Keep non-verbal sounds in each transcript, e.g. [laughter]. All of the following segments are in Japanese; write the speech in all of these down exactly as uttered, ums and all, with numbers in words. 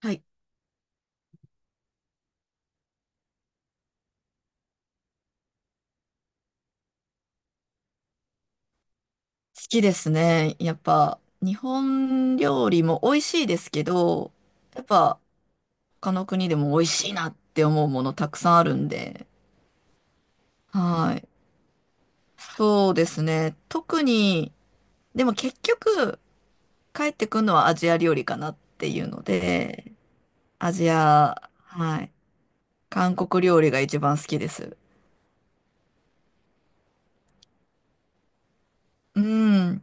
はい、好きですね。やっぱ、日本料理も美味しいですけど、やっぱ、他の国でも美味しいなって思うものたくさんあるんで、はい。そうですね。特に、でも結局、帰ってくるのはアジア料理かなっていうので、アジア、はい。韓国料理が一番好きです。うん。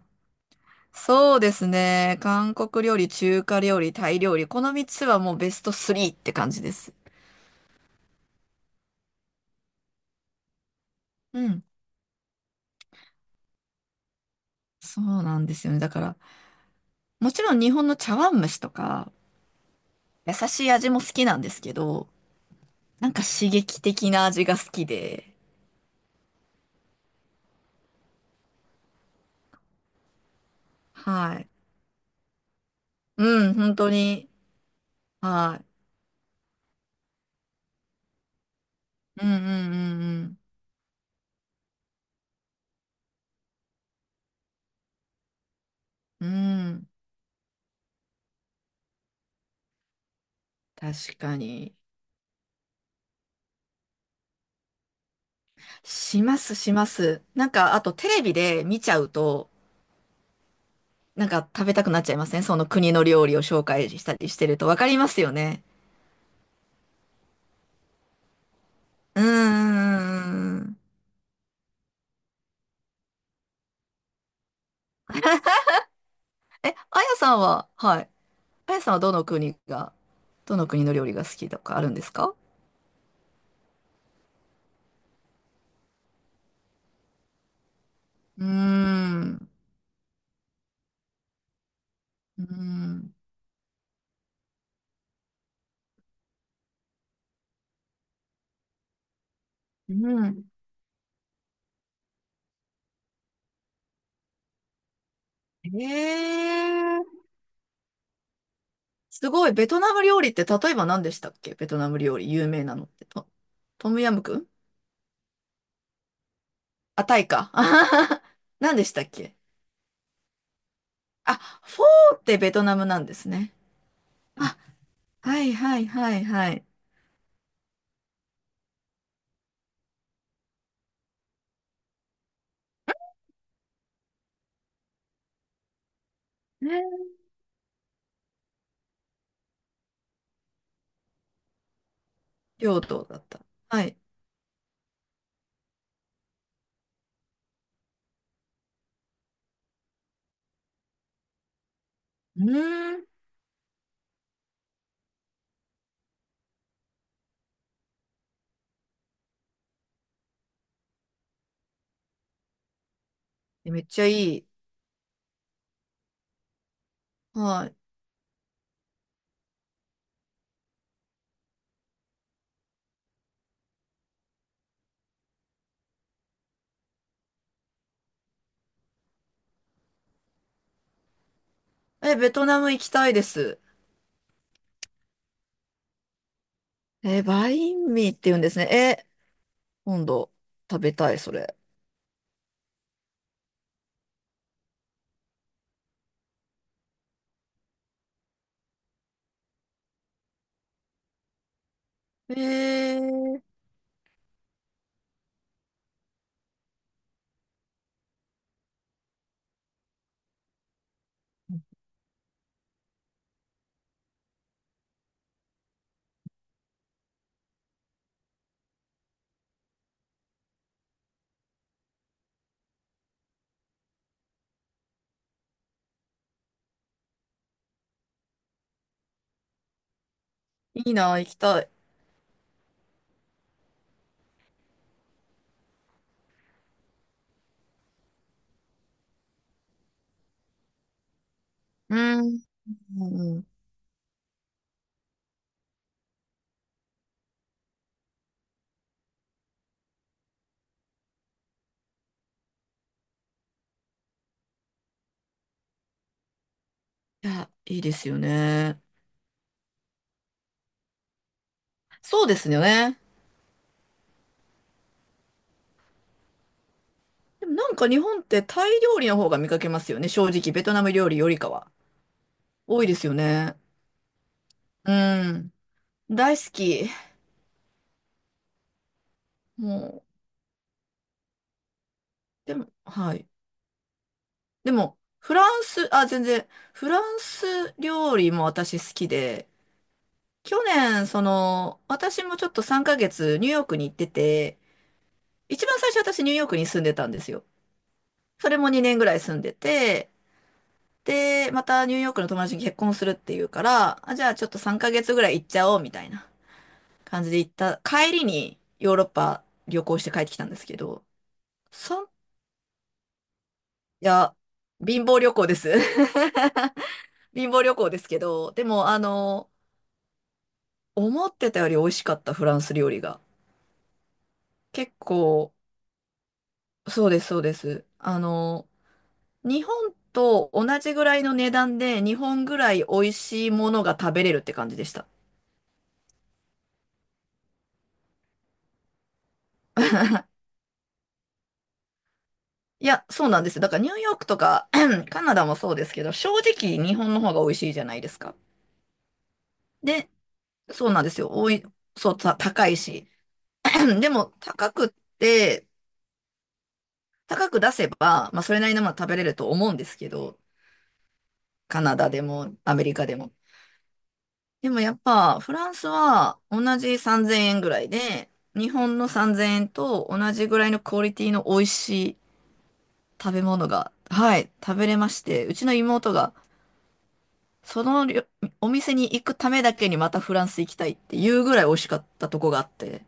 そうですね。韓国料理、中華料理、タイ料理、このみっつはもうベストスリーって感じです。うん、そうなんですよね。だから、もちろん日本の茶碗蒸しとか、優しい味も好きなんですけど、なんか刺激的な味が好きで、はい。うん、本当に。はい。うんうんうんうん。うん。確かに。します、します。なんか、あとテレビで見ちゃうと、なんか食べたくなっちゃいません？その国の料理を紹介したりしてると。わかりますよね。うんうんうんうん。え、あやさんは、はい。あやさんはどの国が、どの国の料理が好きとかあるんですか？うーん。うーん。うん。えー。すごい。ベトナム料理って例えば何でしたっけ？ベトナム料理有名なのって。ト、トムヤムクンあ、タイか。[laughs] あはは。何でしたっけ？あ、フォーってベトナムなんですね。あ、はいはいはいはい。両党だった。はい。うーん。え、めっちゃいい。はい。え、ベトナム行きたいです。えー、バインミーって言うんですね。えー、今度食べたい、それ。えー、いいな、行きたい。うん。うん。いや、いいですよね。そうですよね。でもなんか日本ってタイ料理の方が見かけますよね。正直、ベトナム料理よりかは。多いですよね。うん。大好き。もう、でも、はい。でも、フランス、あ、全然、フランス料理も私好きで、去年、その、私もちょっとさんかげつニューヨークに行ってて、一番最初私ニューヨークに住んでたんですよ。それもにねんぐらい住んでて、で、またニューヨークの友達に結婚するっていうから、あ、じゃあちょっとさんかげつぐらい行っちゃおうみたいな感じで行った。帰りにヨーロッパ旅行して帰ってきたんですけど、そん、いや、貧乏旅行です。[laughs] 貧乏旅行ですけど、でもあの、思ってたより美味しかったフランス料理が。結構、そうです、そうです。あの、日本と同じぐらいの値段で、日本ぐらい美味しいものが食べれるって感じでした。[laughs] いや、そうなんですよ。だからニューヨークとか [clears throat] カナダもそうですけど、正直日本の方が美味しいじゃないですか。で、そうなんですよ。おい、そう、た、高いし。[clears throat] でも、高くって、高く出せば、まあ、それなりのものは食べれると思うんですけど、カナダでも、アメリカでも。でもやっぱフランスは同じさんぜんえんぐらいで、日本のさんぜんえんと同じぐらいのクオリティの美味しい食べ物が、はい、食べれまして、うちの妹がそのりょお店に行くためだけにまたフランス行きたいっていうぐらい美味しかったとこがあって。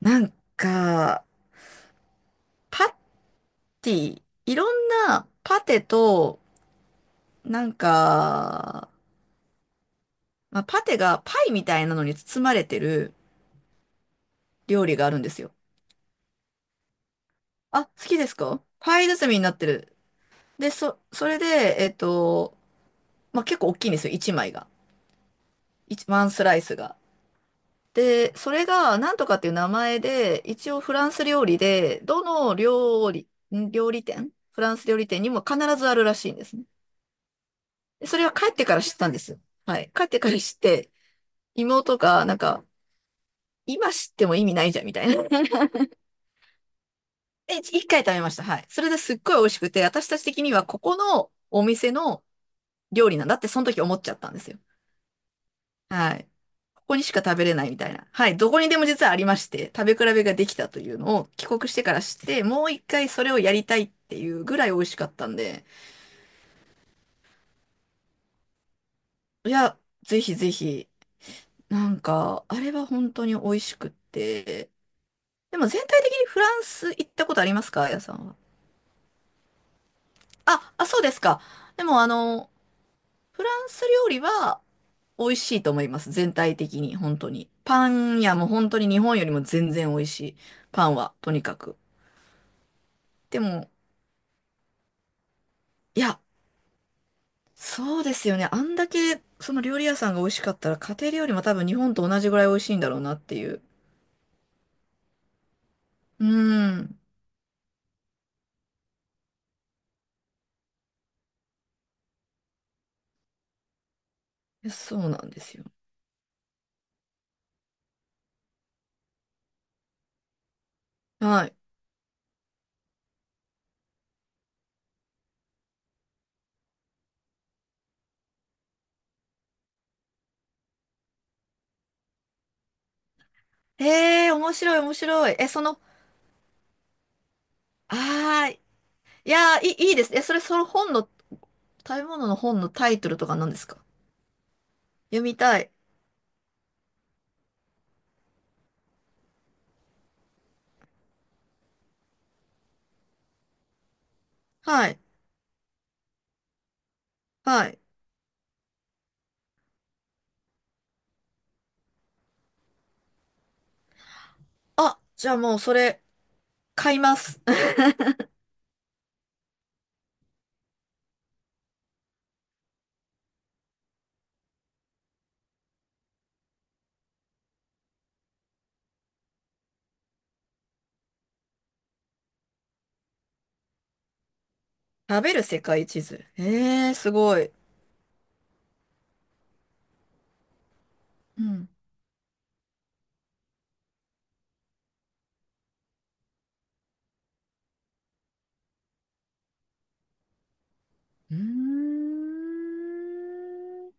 なんか、パティ、いろんなパテと、なんか、まあ、パテがパイみたいなのに包まれてる料理があるんですよ。あ、好きですか？パイ包みになってる。で、そ、それで、えっと、まあ、結構大きいんですよ、いちまいが。いち、ワンスライスが。で、それが、なんとかっていう名前で、一応フランス料理で、どの料理、ん料理店フランス料理店にも必ずあるらしいんですね。でそれは帰ってから知ったんですよ。はい。帰ってから知って、妹が、なんか、今知っても意味ないじゃん、みたいな。[laughs] で、一一回食べました。はい。それですっごい美味しくて、私たち的にはここのお店の料理なんだって、その時思っちゃったんですよ。はい。ここにしか食べれないみたいな。はい。どこにでも実はありまして、食べ比べができたというのを帰国してからして、もう一回それをやりたいっていうぐらい美味しかったんで、いや、ぜひぜひ、なんか、あれは本当に美味しくって。でも全体的にフランス行ったことありますか？あやさんは。あ、あ、そうですか。でもあの、フランス料理は美味しいと思います。全体的に、本当に。パン屋も本当に日本よりも全然美味しい。パンは、とにかく。でも、いや、そうですよね。あんだけ、その料理屋さんが美味しかったら、家庭料理も多分日本と同じぐらい美味しいんだろうなっていう。うん。いや、そうなんですよ。はい。ええー、面白い、面白い。え、その、あーい。いやー、いい、いいです。え、それ、その本の、食べ物の本のタイトルとか何ですか？読みたい。はい。はい。あ、じゃあもうそれ、買います。[laughs] 食べる世界地図。ええー、すごい。うん。うーん。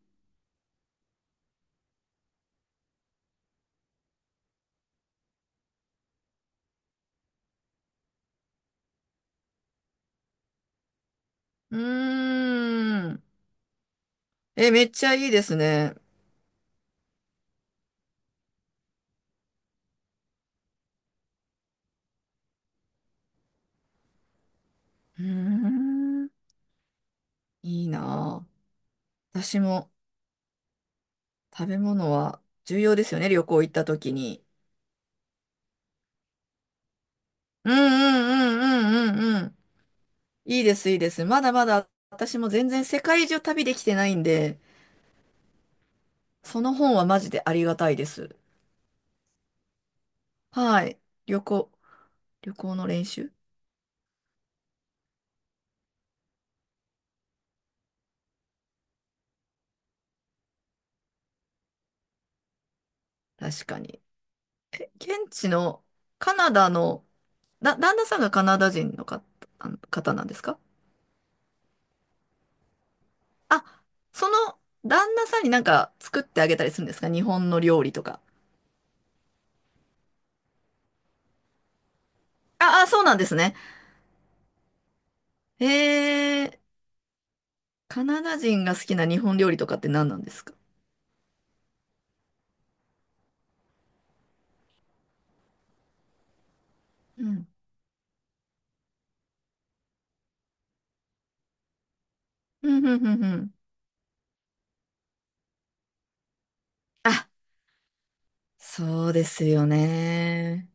うーん。え、めっちゃいいですね。うーん。いいなぁ。私も食べ物は重要ですよね、旅行行った時に。うんうんうんうんうんうん。いいです、いいです。まだまだ私も全然世界中旅できてないんで、その本はマジでありがたいです。はい。旅行、旅行の練習確かに。現地のカナダの、だ、旦那さんがカナダ人の方、あの方なんですか？あ、その旦那さんになんか作ってあげたりするんですか？日本の料理とか。ああ、そうなんですね。へえ、カナダ人が好きな日本料理とかって何なんですか？うん。うん、うん、うん、うん。あ、そうですよね。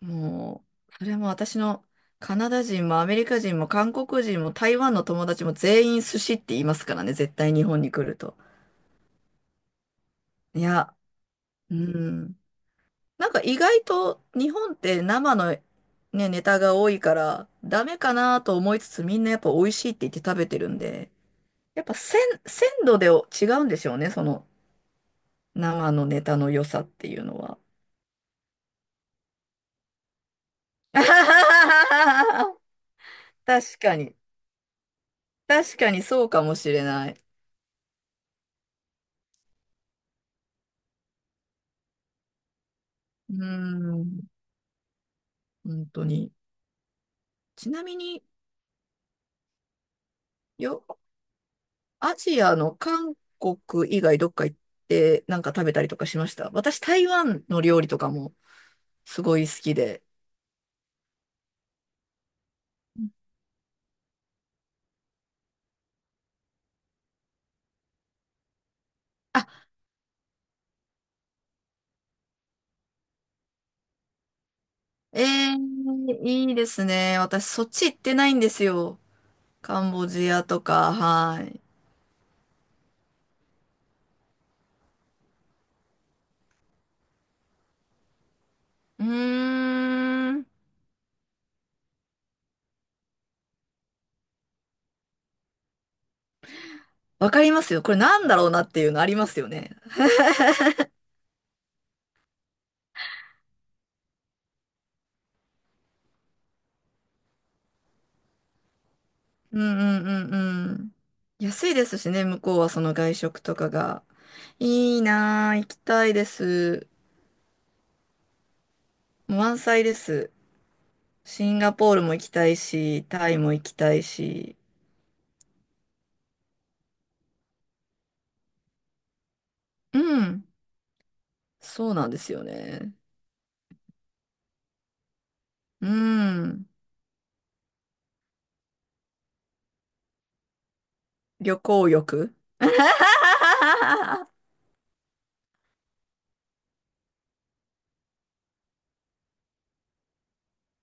もう、それも私のカナダ人もアメリカ人も韓国人も台湾の友達も全員寿司って言いますからね。絶対日本に来ると。いや、うん。なんか意外と日本って生のね、ネタが多いからダメかなと思いつつみんなやっぱ美味しいって言って食べてるんで、やっぱ鮮、鮮度で違うんでしょうね、その生のネタの良さっていうのは。[laughs] 確かに。確かにそうかもしれない。うーん、本当に。ちなみに、よ、アジアの韓国以外どっか行ってなんか食べたりとかしました？私台湾の料理とかもすごい好きで。ええー、いいですね。私、そっち行ってないんですよ。カンボジアとか、はい。うーん。わかりますよ。これなんだろうなっていうのありますよね。うんうんうんうん。安いですしね、向こうはその外食とかが。いいなぁ、行きたいです。満載です。シンガポールも行きたいし、タイも行きたいし。うん。そうなんですよね。うん。旅行欲。[laughs]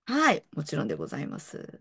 はい、もちろんでございます。